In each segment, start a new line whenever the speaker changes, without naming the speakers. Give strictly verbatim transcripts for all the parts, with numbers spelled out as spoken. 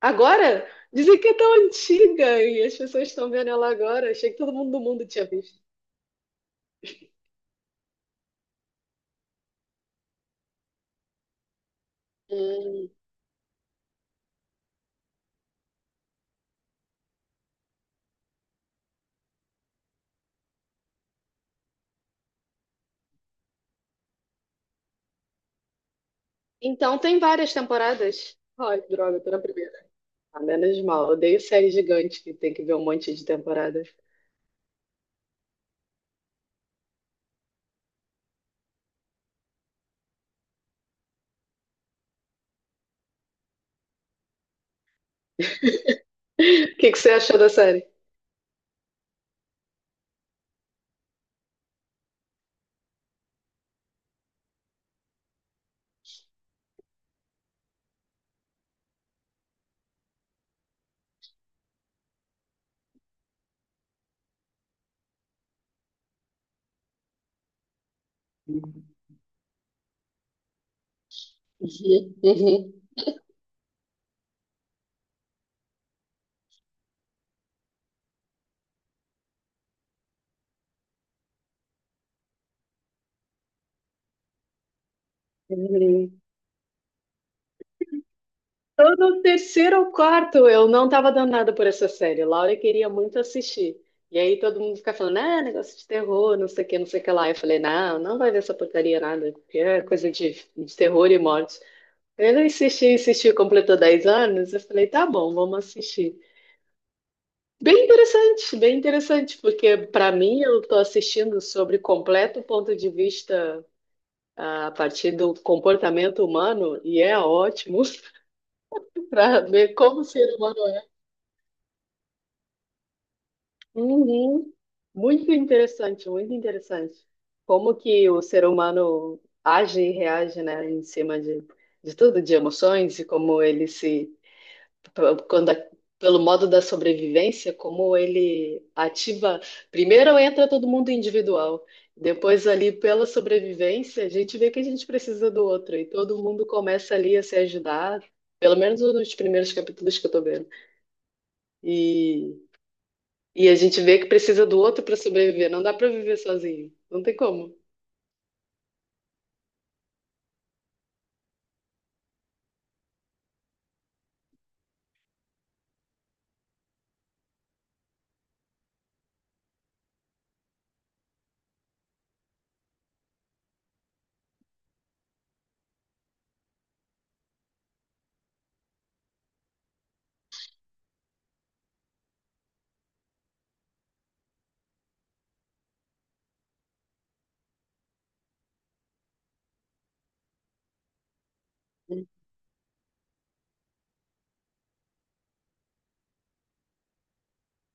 Agora? Dizem que é tão antiga e as pessoas estão vendo ela agora. Achei que todo mundo do mundo tinha visto. Hum. Então tem várias temporadas? Ai, droga, tô na primeira. Ah, menos mal. Odeio série gigante que tem que ver um monte de temporadas. O que que você achou da série? Uhum. Uhum. Tô no terceiro ou quarto, eu não tava danada por essa série. Laura queria muito assistir. E aí todo mundo fica falando, ah, negócio de terror, não sei o que, não sei o que lá. Eu falei, não, não vai ver essa porcaria nada, porque é coisa de, de terror e morte. Ele insistiu, insistiu, completou dez anos. Eu falei, tá bom, vamos assistir. Bem interessante, bem interessante, porque pra mim eu tô assistindo sobre completo ponto de vista, ah, a partir do comportamento humano e é ótimo para ver como o ser humano. Uhum. Muito interessante, muito interessante. Como que o ser humano age e reage, né, em cima de, de tudo, de emoções e como ele se, p- quando, a- pelo modo da sobrevivência, como ele ativa. Primeiro entra todo mundo individual, depois ali pela sobrevivência, a gente vê que a gente precisa do outro e todo mundo começa ali a se ajudar, pelo menos nos primeiros capítulos que eu tô vendo. E a gente vê que precisa do outro para sobreviver. Não dá para viver sozinho. Não tem como.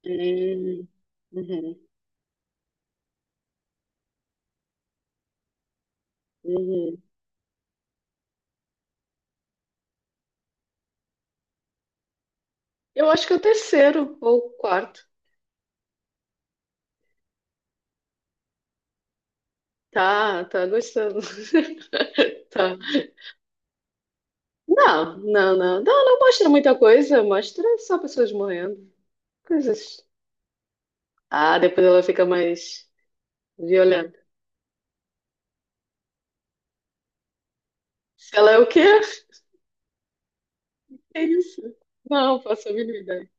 Hum, uhum, uhum. Eu acho que é o terceiro ou o quarto. Tá, tá gostando. Tá. Não, não, não. Não, não mostra muita coisa. Mostra só pessoas morrendo. Coisas. Ah, depois ela fica mais violenta. Se ela é o quê? É isso. Não, faço a mínima ideia.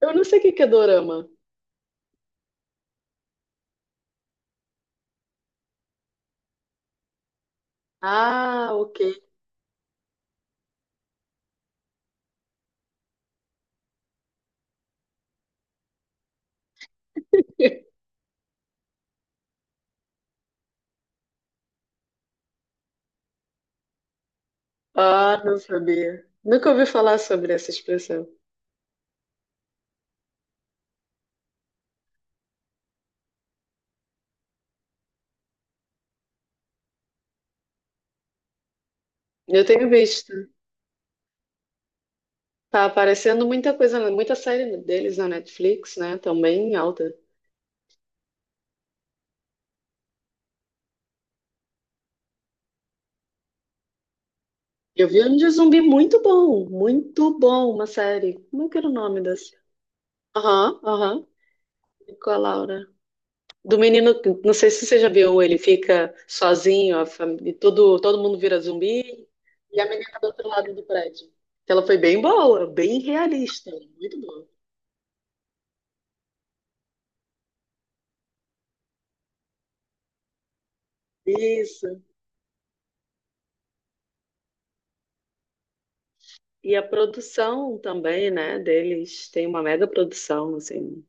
Eu não sei o que que é dorama. Ah, ok. Ah, não sabia. Nunca ouvi falar sobre essa expressão. Eu tenho visto. Tá aparecendo muita coisa, muita série deles na Netflix, né? Também em alta. Eu vi um de zumbi muito bom, muito bom, uma série. Como é que era o nome dessa? Aham, aham. Com a Laura. Do menino, que- não sei se você já viu, ele fica sozinho, a família, todo, todo mundo vira zumbi, e a menina tá do outro lado do prédio. Ela foi bem boa, bem realista, muito boa. Isso. E a produção também, né, deles tem uma mega produção, assim,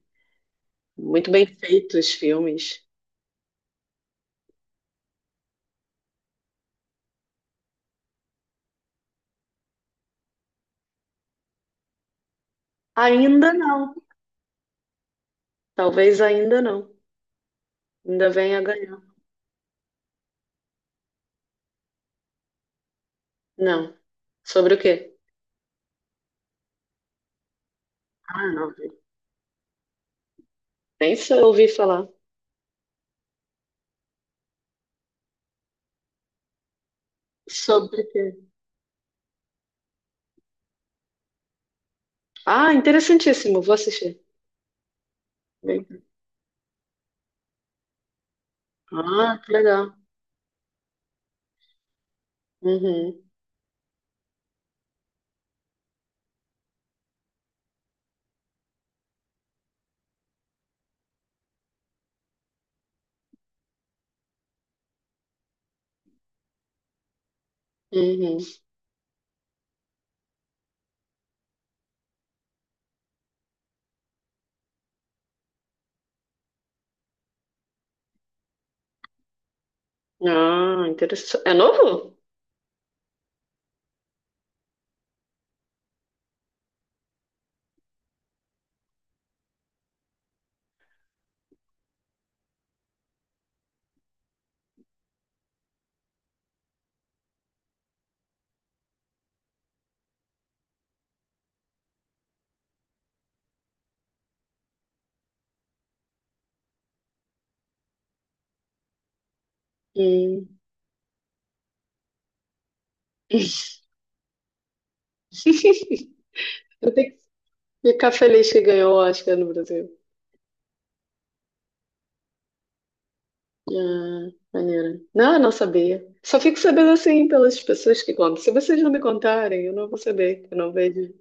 muito bem feitos os filmes. Ainda não, talvez ainda não. Ainda venha a ganhar. Não. Sobre o quê? Ah, não vi. Nem se eu ouvi falar. Sobre o quê? Ah, interessantíssimo, vou assistir. Bem- Ah, que legal. Uhum, uhum. Ah, interessante. É novo? Hum. Eu tenho que ficar feliz que ganhou o Oscar no Brasil. Ah, maneiro. Não, eu não sabia. Só fico sabendo assim pelas pessoas que contam. Se vocês não me contarem, eu não vou saber. Eu não vejo.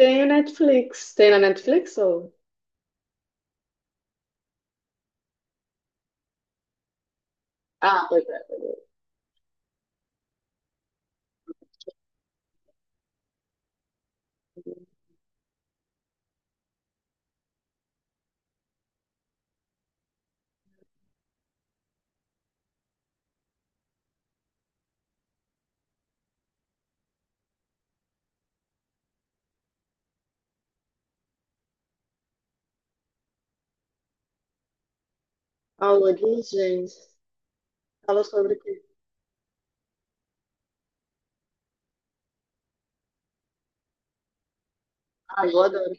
Tem o Netflix. Tem na Netflix ou? Ah, pois é. A origem fala sobre o quê? Ah, eu adoro.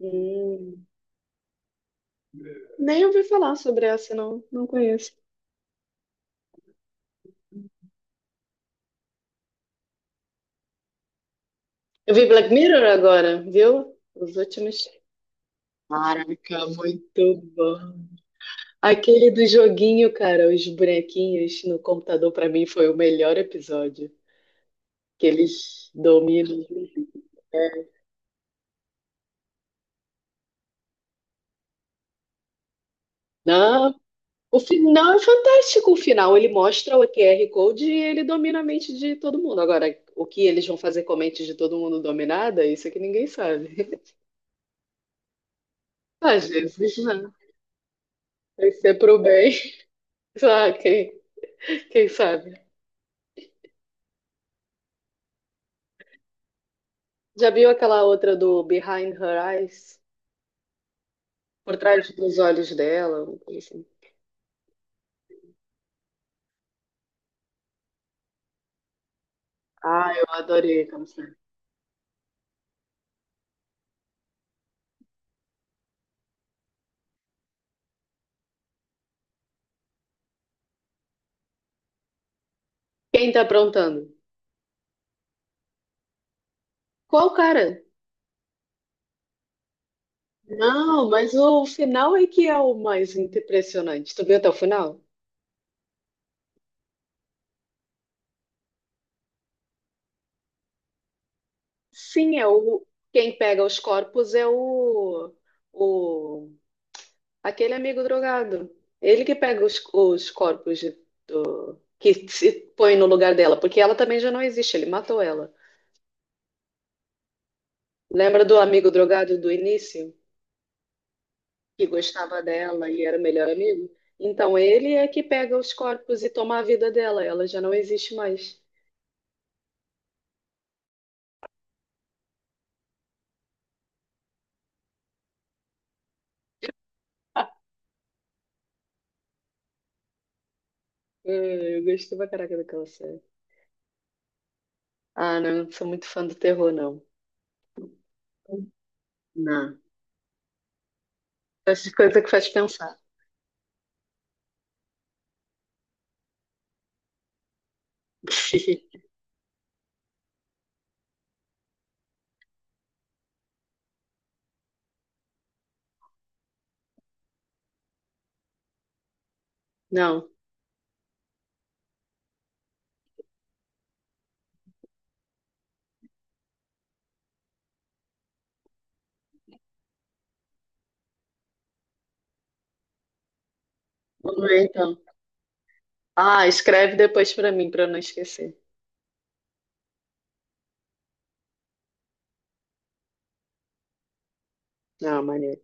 Hum, nem ouvi falar sobre essa, não. Não conheço. Eu vi Black Mirror agora, viu? Os últimos. Caraca, muito bom. Aquele do joguinho, cara, os bonequinhos no computador, pra mim foi o melhor episódio. Que eles dominam. Né? Não, o final é fantástico. O final ele mostra o Q R Code e ele domina a mente de todo mundo. Agora, o que eles vão fazer com a mente de todo mundo dominada, isso é que ninguém sabe. Às vezes não. Vai ser pro bem. Ah, quem, quem sabe? Já viu aquela outra do Behind Her Eyes? Por trás dos olhos dela? Assim. Ah, eu adorei. Quem tá aprontando? Qual cara? Não, mas o final é que é o mais impressionante. Tu viu até o final? Sim, é o, quem pega os corpos é o, o aquele amigo drogado. Ele que pega os, os corpos de- que se põe no lugar dela, porque ela também já não existe, ele matou ela. Lembra do amigo drogado do início, que gostava dela e era o melhor amigo? Então ele é que pega os corpos e toma a vida dela, ela já não existe mais. Ah, eu gosto pra caraca daquela série. Ah, não, não sou muito fã do terror, não. Não. Gosto de coisa que faz pensar. Não, vamos ver então. Ah, escreve depois pra mim, pra eu não esquecer. Não, maneiro.